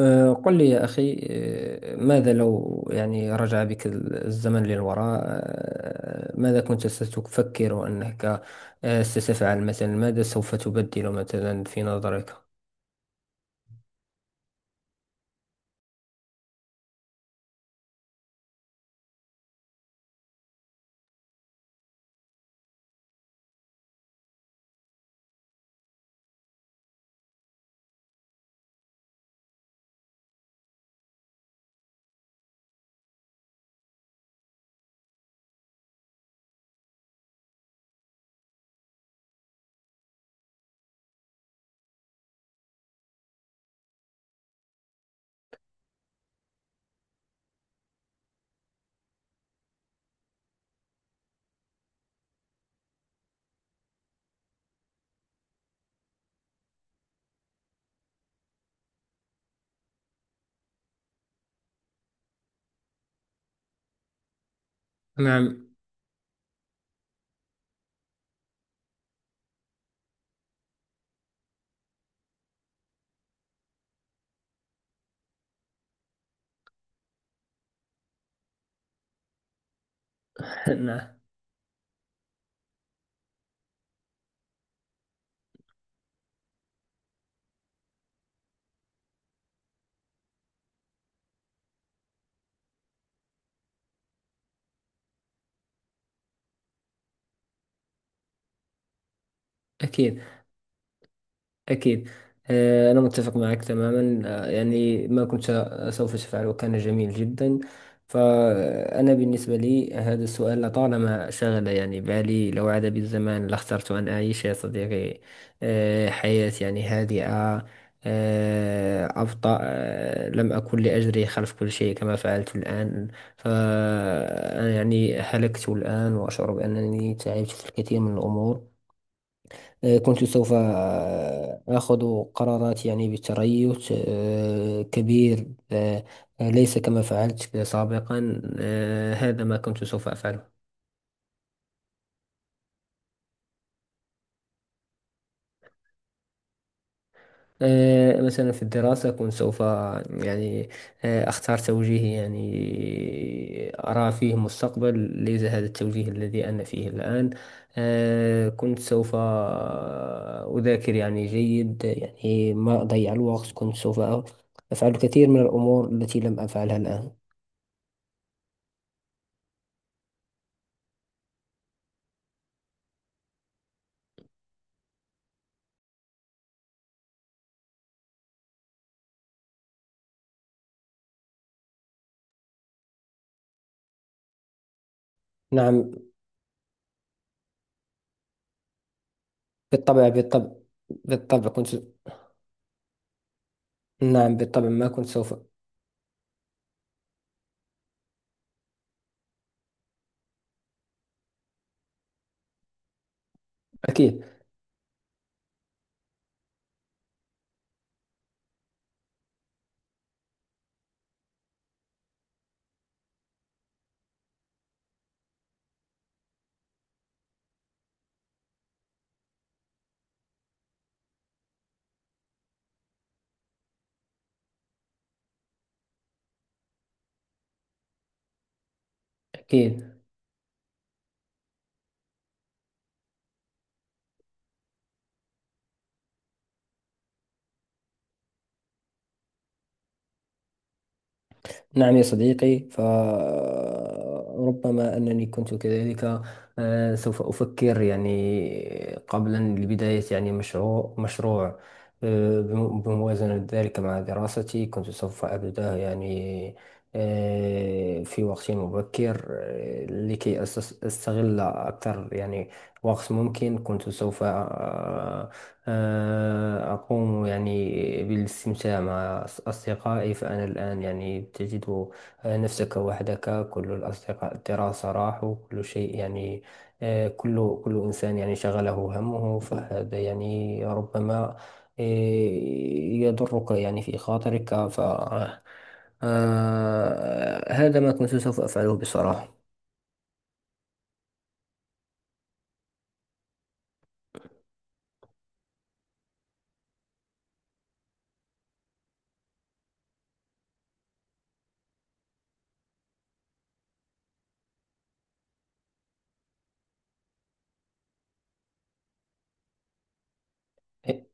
قل لي يا أخي، ماذا لو يعني رجع بك الزمن للوراء، ماذا كنت ستفكر أنك ستفعل؟ مثلا ماذا سوف تبدل مثلا في نظرك؟ نعم. نعم. أكيد. أكيد. أنا متفق معك تماما. يعني ما كنت سوف أفعله كان جميل جدا. فأنا بالنسبة لي هذا السؤال لطالما شغل يعني بالي. لو عاد بالزمان لاخترت أن أعيش يا صديقي حياة يعني هادئة، أبطأ. لم أكن لأجري خلف كل شيء كما فعلت الآن. فأنا يعني هلكت الآن وأشعر بأنني تعبت في الكثير من الأمور. كنت سوف آخذ قرارات يعني بتريث كبير، ليس كما فعلت سابقا. هذا ما كنت سوف أفعله. مثلا في الدراسة كنت سوف يعني أختار توجيه يعني أرى فيه مستقبل، ليس هذا التوجيه الذي أنا فيه الآن. كنت سوف أذاكر يعني جيد، يعني ما أضيع الوقت. كنت سوف أفعل الكثير من الأمور التي لم أفعلها الآن. نعم. بالطبع، بالطبع. بالطبع كنت. نعم، بالطبع ما كنت سوف. أكيد. أكيد. نعم يا صديقي، فربما أنني كنت كذلك. سوف أفكر يعني قبلا لبداية يعني مشروع مشروع. بموازنة ذلك مع دراستي كنت سوف أبدأه يعني في وقت مبكر، لكي أستغل أكثر يعني وقت ممكن. كنت سوف أقوم يعني بالاستمتاع مع أصدقائي. فأنا الآن يعني تجد نفسك وحدك، كل الأصدقاء الدراسة راحوا، كل شيء يعني كل إنسان يعني شغله همه. فهذا يعني ربما آه، يضرك يعني في خاطرك. ف هذا ما كنت سوف أفعله بصراحة. إيه،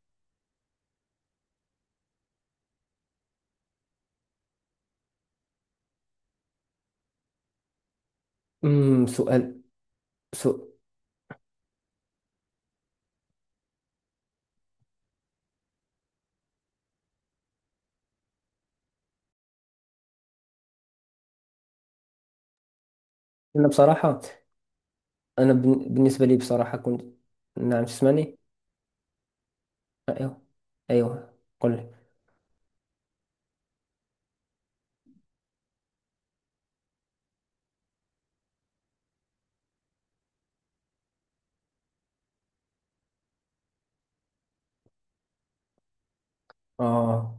سؤال سؤال. أنا بصراحة انا بن- بالنسبه لي بصراحه كنت. نعم، تسمعني؟ ايوه، ايوه، قل لي. اه.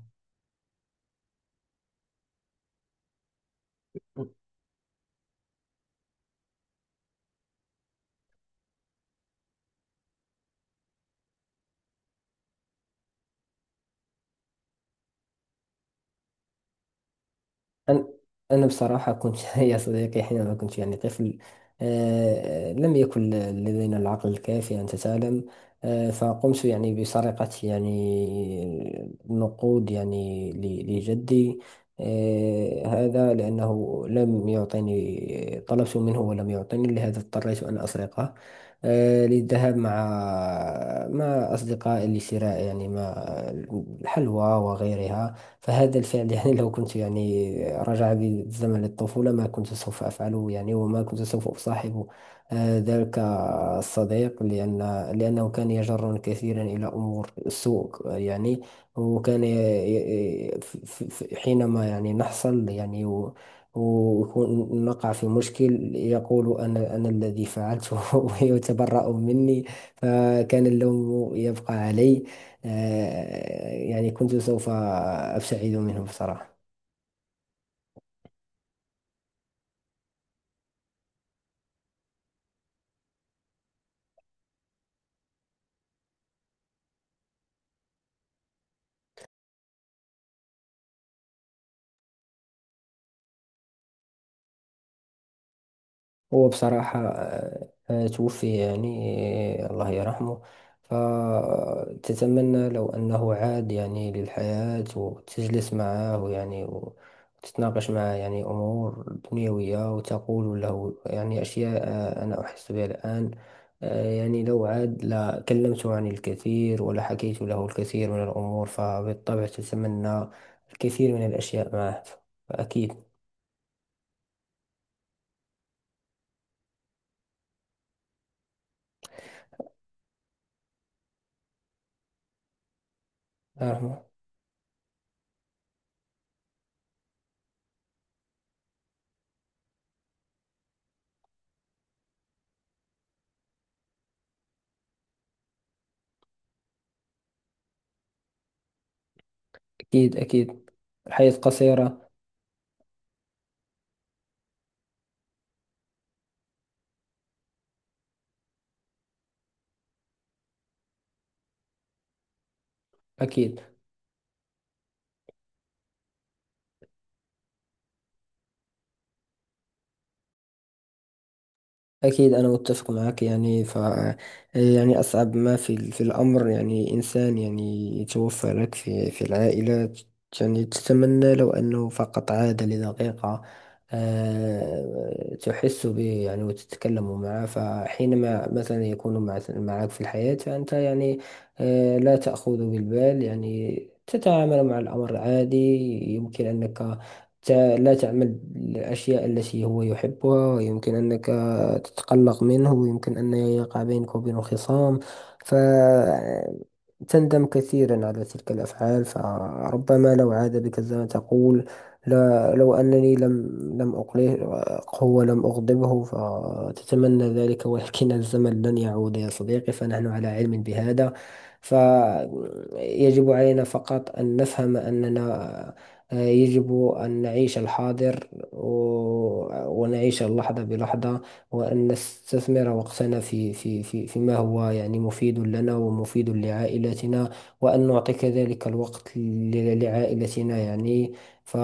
أنا أنا بصراحة كنت، يا صديقي، حينما كنت يعني طفل. لم يكن لدينا العقل الكافي أن تعلم. فقمت يعني بسرقة يعني نقود يعني لجدي. هذا لأنه لم يعطيني، طلبت منه ولم يعطيني، لهذا اضطريت أن أسرقه للذهاب مع أصدقائي لشراء يعني ما الحلوى وغيرها. فهذا الفعل يعني، لو كنت يعني رجع بي الزمن للطفولة ما كنت سوف أفعله يعني. وما كنت سوف أصاحب ذلك الصديق، لأنه كان يجرني كثيرا إلى أمور سوء يعني. وكان حينما يعني نحصل يعني ويكون نقع في مشكل، يقول أنا الذي فعلته. ويتبرأ مني، فكان اللوم يبقى علي. يعني كنت سوف أبتعد منهم بصراحة. هو بصراحة توفي، يعني الله يرحمه. فتتمنى لو أنه عاد يعني للحياة، وتجلس معه يعني وتتناقش معه يعني أمور دنيوية، وتقول له يعني أشياء أنا أحس بها الآن. يعني لو عاد لكلمته عن الكثير، ولحكيت له الكثير من الأمور فبالطبع تتمنى الكثير من الأشياء معه. فأكيد. أرحمه. أكيد. أكيد. الحياة قصيرة. أكيد. أكيد، أنا متفق معك يعني. ف يعني أصعب ما في في الأمر، يعني إنسان يعني يتوفى لك في العائلة. يعني تتمنى لو أنه فقط عاد لدقيقة، تحس به يعني وتتكلم معه. فحينما مثلا يكون معك في الحياة فأنت يعني لا تأخذ بالبال. يعني تتعامل مع الأمر عادي. يمكن أنك لا تعمل الأشياء التي هو يحبها، ويمكن أنك تتقلق منه، ويمكن أن يقع بينك وبينه خصام. فتندم كثيرا على تلك الأفعال. فربما لو عاد بك الزمن تقول، لا، لو أنني لم أقلقه ولم أغضبه، فتتمنى ذلك. ولكن الزمن لن يعود يا صديقي، فنحن على علم بهذا. فيجب علينا فقط أن نفهم أننا يجب أن نعيش الحاضر، ونعيش اللحظة بلحظة، وأن نستثمر وقتنا في فيما هو يعني مفيد لنا ومفيد لعائلتنا. وأن نعطي كذلك الوقت لعائلتنا يعني. ف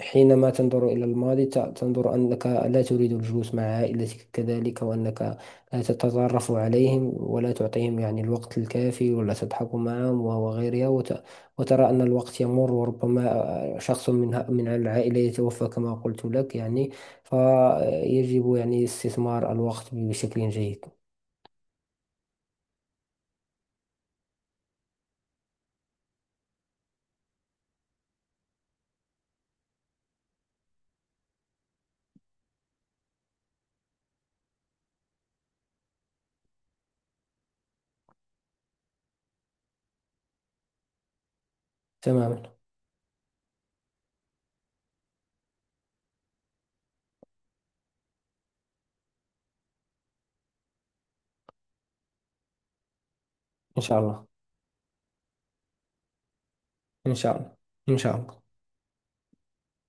حينما تنظر إلى الماضي، تنظر أنك لا تريد الجلوس مع عائلتك كذلك، وأنك لا تتطرف عليهم ولا تعطيهم يعني الوقت الكافي ولا تضحك معهم وغيرها. وترى أن الوقت يمر، وربما شخص من العائلة يتوفى كما قلت لك يعني. فيجب يعني استثمار الوقت بشكل جيد. تماما. إن شاء الله. إن شاء الله. إن شاء الله.